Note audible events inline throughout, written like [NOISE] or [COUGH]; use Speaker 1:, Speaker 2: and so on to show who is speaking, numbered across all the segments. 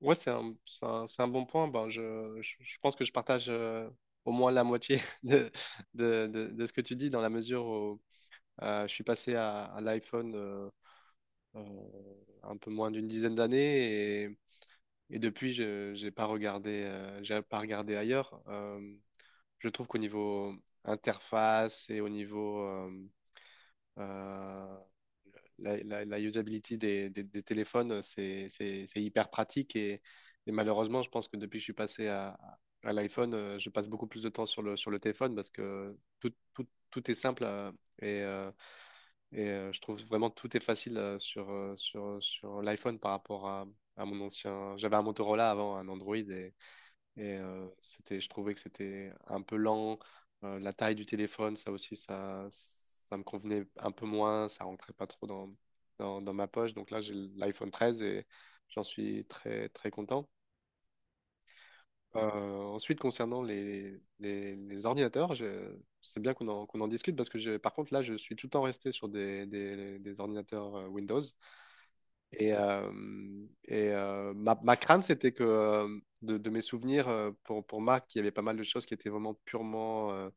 Speaker 1: Ouais, c'est un bon point. Je pense que je partage au moins la moitié [LAUGHS] de ce que tu dis, dans la mesure où je suis passé à l'iPhone un peu moins d'une dizaine d'années et depuis, je j'ai pas regardé ailleurs. Je trouve qu'au niveau interface et au niveau euh, la usability des téléphones, c'est hyper pratique et malheureusement, je pense que depuis que je suis passé à l'iPhone, je passe beaucoup plus de temps sur le téléphone parce que tout est simple et, euh, et je trouve vraiment tout est facile sur l'iPhone par rapport à mon ancien. J'avais un Motorola avant, un Android et c'était, je trouvais que c'était un peu lent. La taille du téléphone, ça aussi, ça me convenait un peu moins. Ça rentrait pas trop dans ma poche. Donc là, j'ai l'iPhone 13 et j'en suis très, très content. Euh, Ensuite, concernant les ordinateurs, c'est bien qu'on en, qu'on en discute parce que je- par contre, là, je suis tout le temps resté sur des ordinateurs Windows. Et, euh, et ma crainte, c'était que de mes souvenirs, pour Mac, il y avait pas mal de choses qui étaient vraiment purement euh,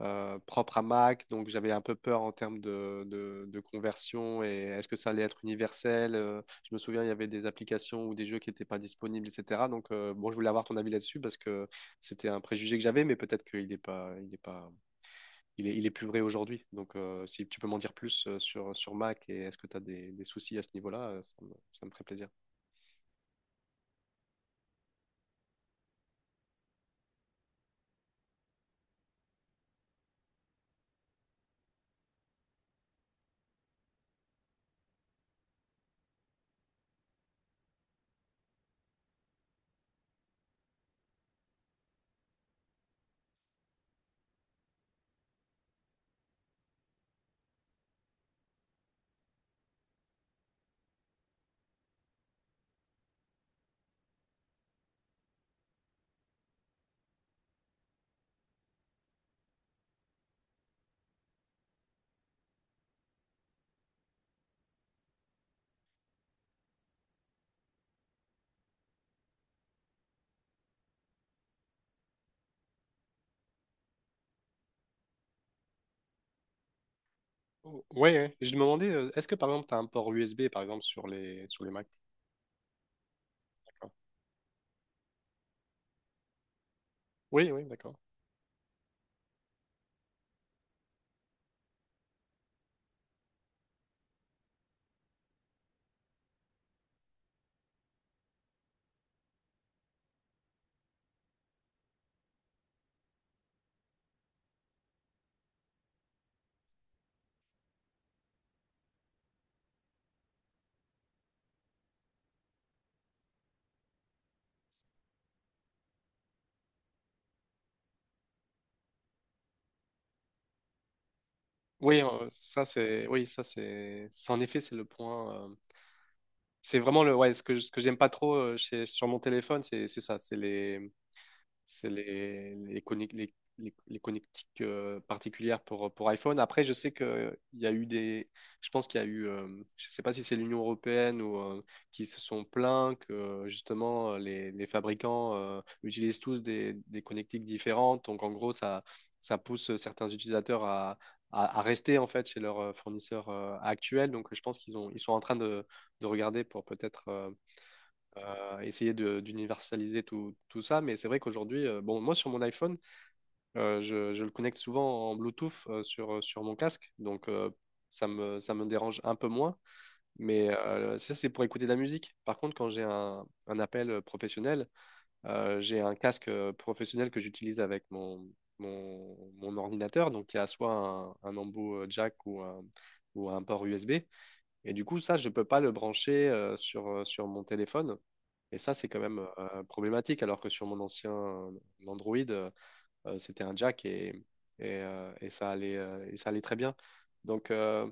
Speaker 1: euh, propres à Mac. Donc j'avais un peu peur en termes de conversion et est-ce que ça allait être universel? Je me souviens, il y avait des applications ou des jeux qui n'étaient pas disponibles, etc. Donc bon, je voulais avoir ton avis là-dessus parce que c'était un préjugé que j'avais, mais peut-être qu'il n'est pas, il est pas il est, il est plus vrai aujourd'hui. Donc, si tu peux m'en dire plus sur Mac et est-ce que tu as des soucis à ce niveau-là, ça me ferait plaisir. Ouais. Je me demandais, est-ce que par exemple, tu as un port USB par exemple sur les Mac? D'accord. Oui, oui, d'accord. Oui, ça c'est, en effet, c'est le point. C'est vraiment le, ouais, ce que j'aime pas trop sur mon téléphone, c'est ça, c'est les, C'est les, connect les connectiques particulières pour iPhone. Après, je sais qu'il y a eu des. Je pense qu'il y a eu. Je sais pas si c'est l'Union européenne ou qui se sont plaints que justement les fabricants utilisent tous des connectiques différentes. Donc, en gros, ça pousse certains utilisateurs à rester en fait chez leur fournisseur actuel. Donc, je pense qu'ils ont, ils sont en train de regarder pour peut-être d'universaliser tout ça, mais c'est vrai qu'aujourd'hui, bon, moi sur mon iPhone, je le connecte souvent en Bluetooth sur sur mon casque, donc ça me dérange un peu moins, mais ça c'est pour écouter de la musique. Par contre, quand j'ai un appel professionnel, j'ai un casque professionnel que j'utilise avec mon ordinateur, donc il y a soit un embout jack ou un port USB. Et du coup, ça, je ne peux pas le brancher sur mon téléphone. Et ça, c'est quand même problématique, alors que sur mon ancien Android, c'était un jack et et ça allait très bien. Donc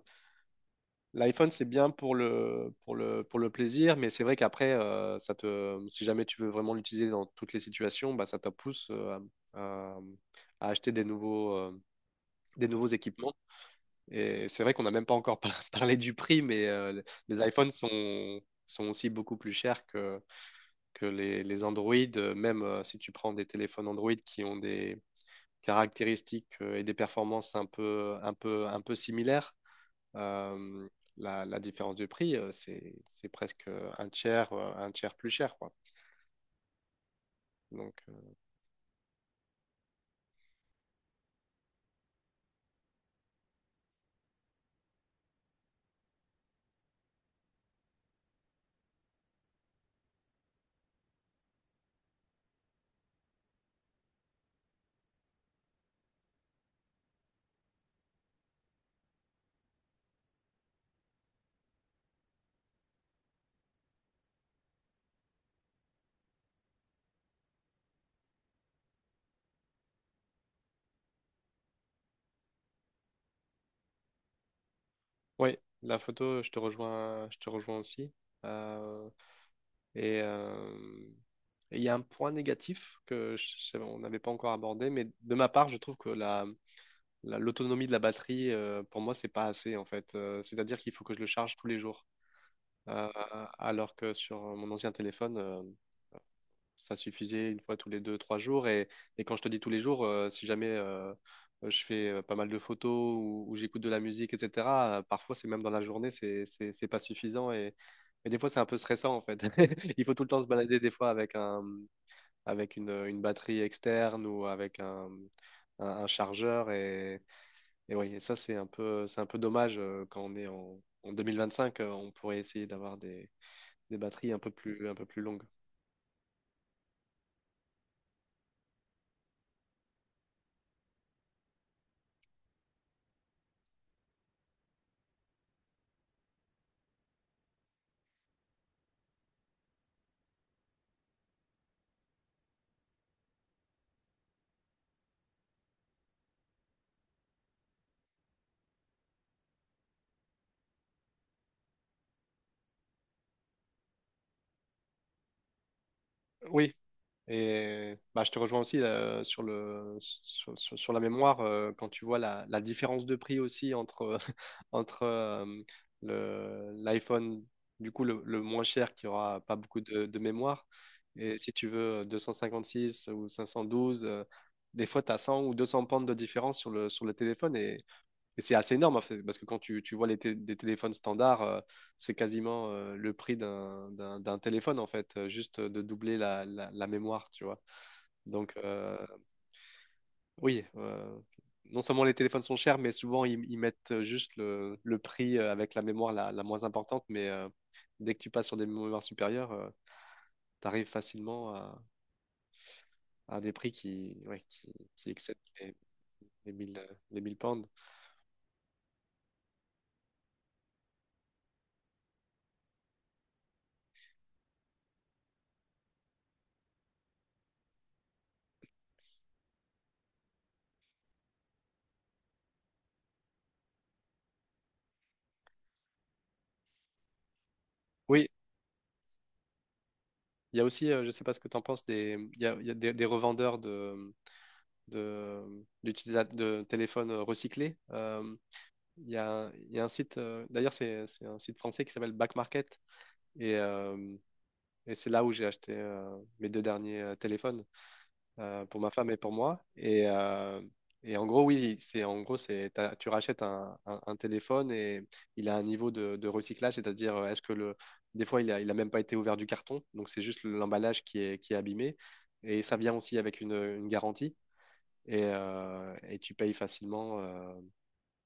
Speaker 1: l'iPhone, c'est bien pour le plaisir, mais c'est vrai qu'après, si jamais tu veux vraiment l'utiliser dans toutes les situations, bah, ça te pousse à, à- à acheter des des nouveaux équipements. Et c'est vrai qu'on n'a même pas encore [LAUGHS] parlé du prix, mais les iPhones sont aussi beaucoup plus chers que les Android, même si tu prends des téléphones Android qui ont des caractéristiques et des performances un peu similaires. euh, la différence de prix, c'est presque un tiers plus cher, quoi. Donc, oui, la photo, je te rejoins aussi. Euh, Et euh, et il y a un point négatif que on n'avait pas encore abordé, mais de ma part, je trouve que l'autonomie de la batterie, pour moi, c'est pas assez en fait. C'est-à-dire qu'il faut que je le charge tous les jours. Euh, alors que sur mon ancien téléphone, ça suffisait une fois tous les deux, trois jours. Et quand je te dis tous les jours, si jamais je fais pas mal de photos ou j'écoute de la musique, etc., parfois c'est même dans la journée, c'est pas suffisant. Et des fois, c'est un peu stressant en fait. [LAUGHS] Il faut tout le temps se balader des fois avec avec une batterie externe ou avec un chargeur. Et oui, et ça, c'est un peu dommage quand on est en 2025, on pourrait essayer d'avoir des batteries un peu plus longues. Oui, et bah, je te rejoins aussi sur le, sur, sur- sur la mémoire, quand tu vois la différence de prix aussi entre, [LAUGHS] entre l'iPhone, du coup le moins cher qui aura pas beaucoup de mémoire, et si tu veux six ou 512, des fois tu as 100 ou 200 pentes de différence sur sur le téléphone, et c'est assez énorme, en fait, parce que quand tu vois des téléphones standards, c'est quasiment le prix d'un téléphone, en fait, juste de doubler la mémoire, tu vois. Donc, oui, non seulement les téléphones sont chers, mais souvent, ils mettent juste le prix avec la mémoire la moins importante, mais dès que tu passes sur des mémoires supérieures, tu arrives facilement à des prix qui, ouais, qui excèdent les, les 1000 pounds. Oui, il y a aussi, je ne sais pas ce que tu en penses, des, il y a des revendeurs d'de téléphones recyclés. Il y a un site, d'ailleurs, c'est un site français qui s'appelle Back Market. Et, euh, et c'est là où j'ai acheté mes deux derniers téléphones pour ma femme et pour moi. Et en gros, oui, c'est tu rachètes un téléphone et il a un niveau de recyclage, c'est-à-dire est-ce que le des fois il a même pas été ouvert du carton, donc c'est juste l'emballage qui est abîmé et ça vient aussi avec une garantie et tu payes facilement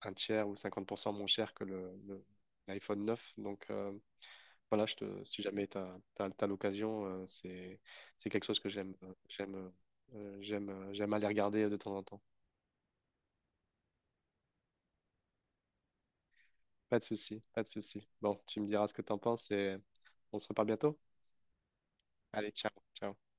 Speaker 1: un tiers ou 50% moins cher que l'iPhone 9. Donc voilà, si jamais tu as l'occasion, c'est quelque chose que j'aime, j'aime aller regarder de temps en temps. Pas de souci, pas de souci. Bon, tu me diras ce que tu en penses et on se reparle bientôt. Allez, ciao, ciao.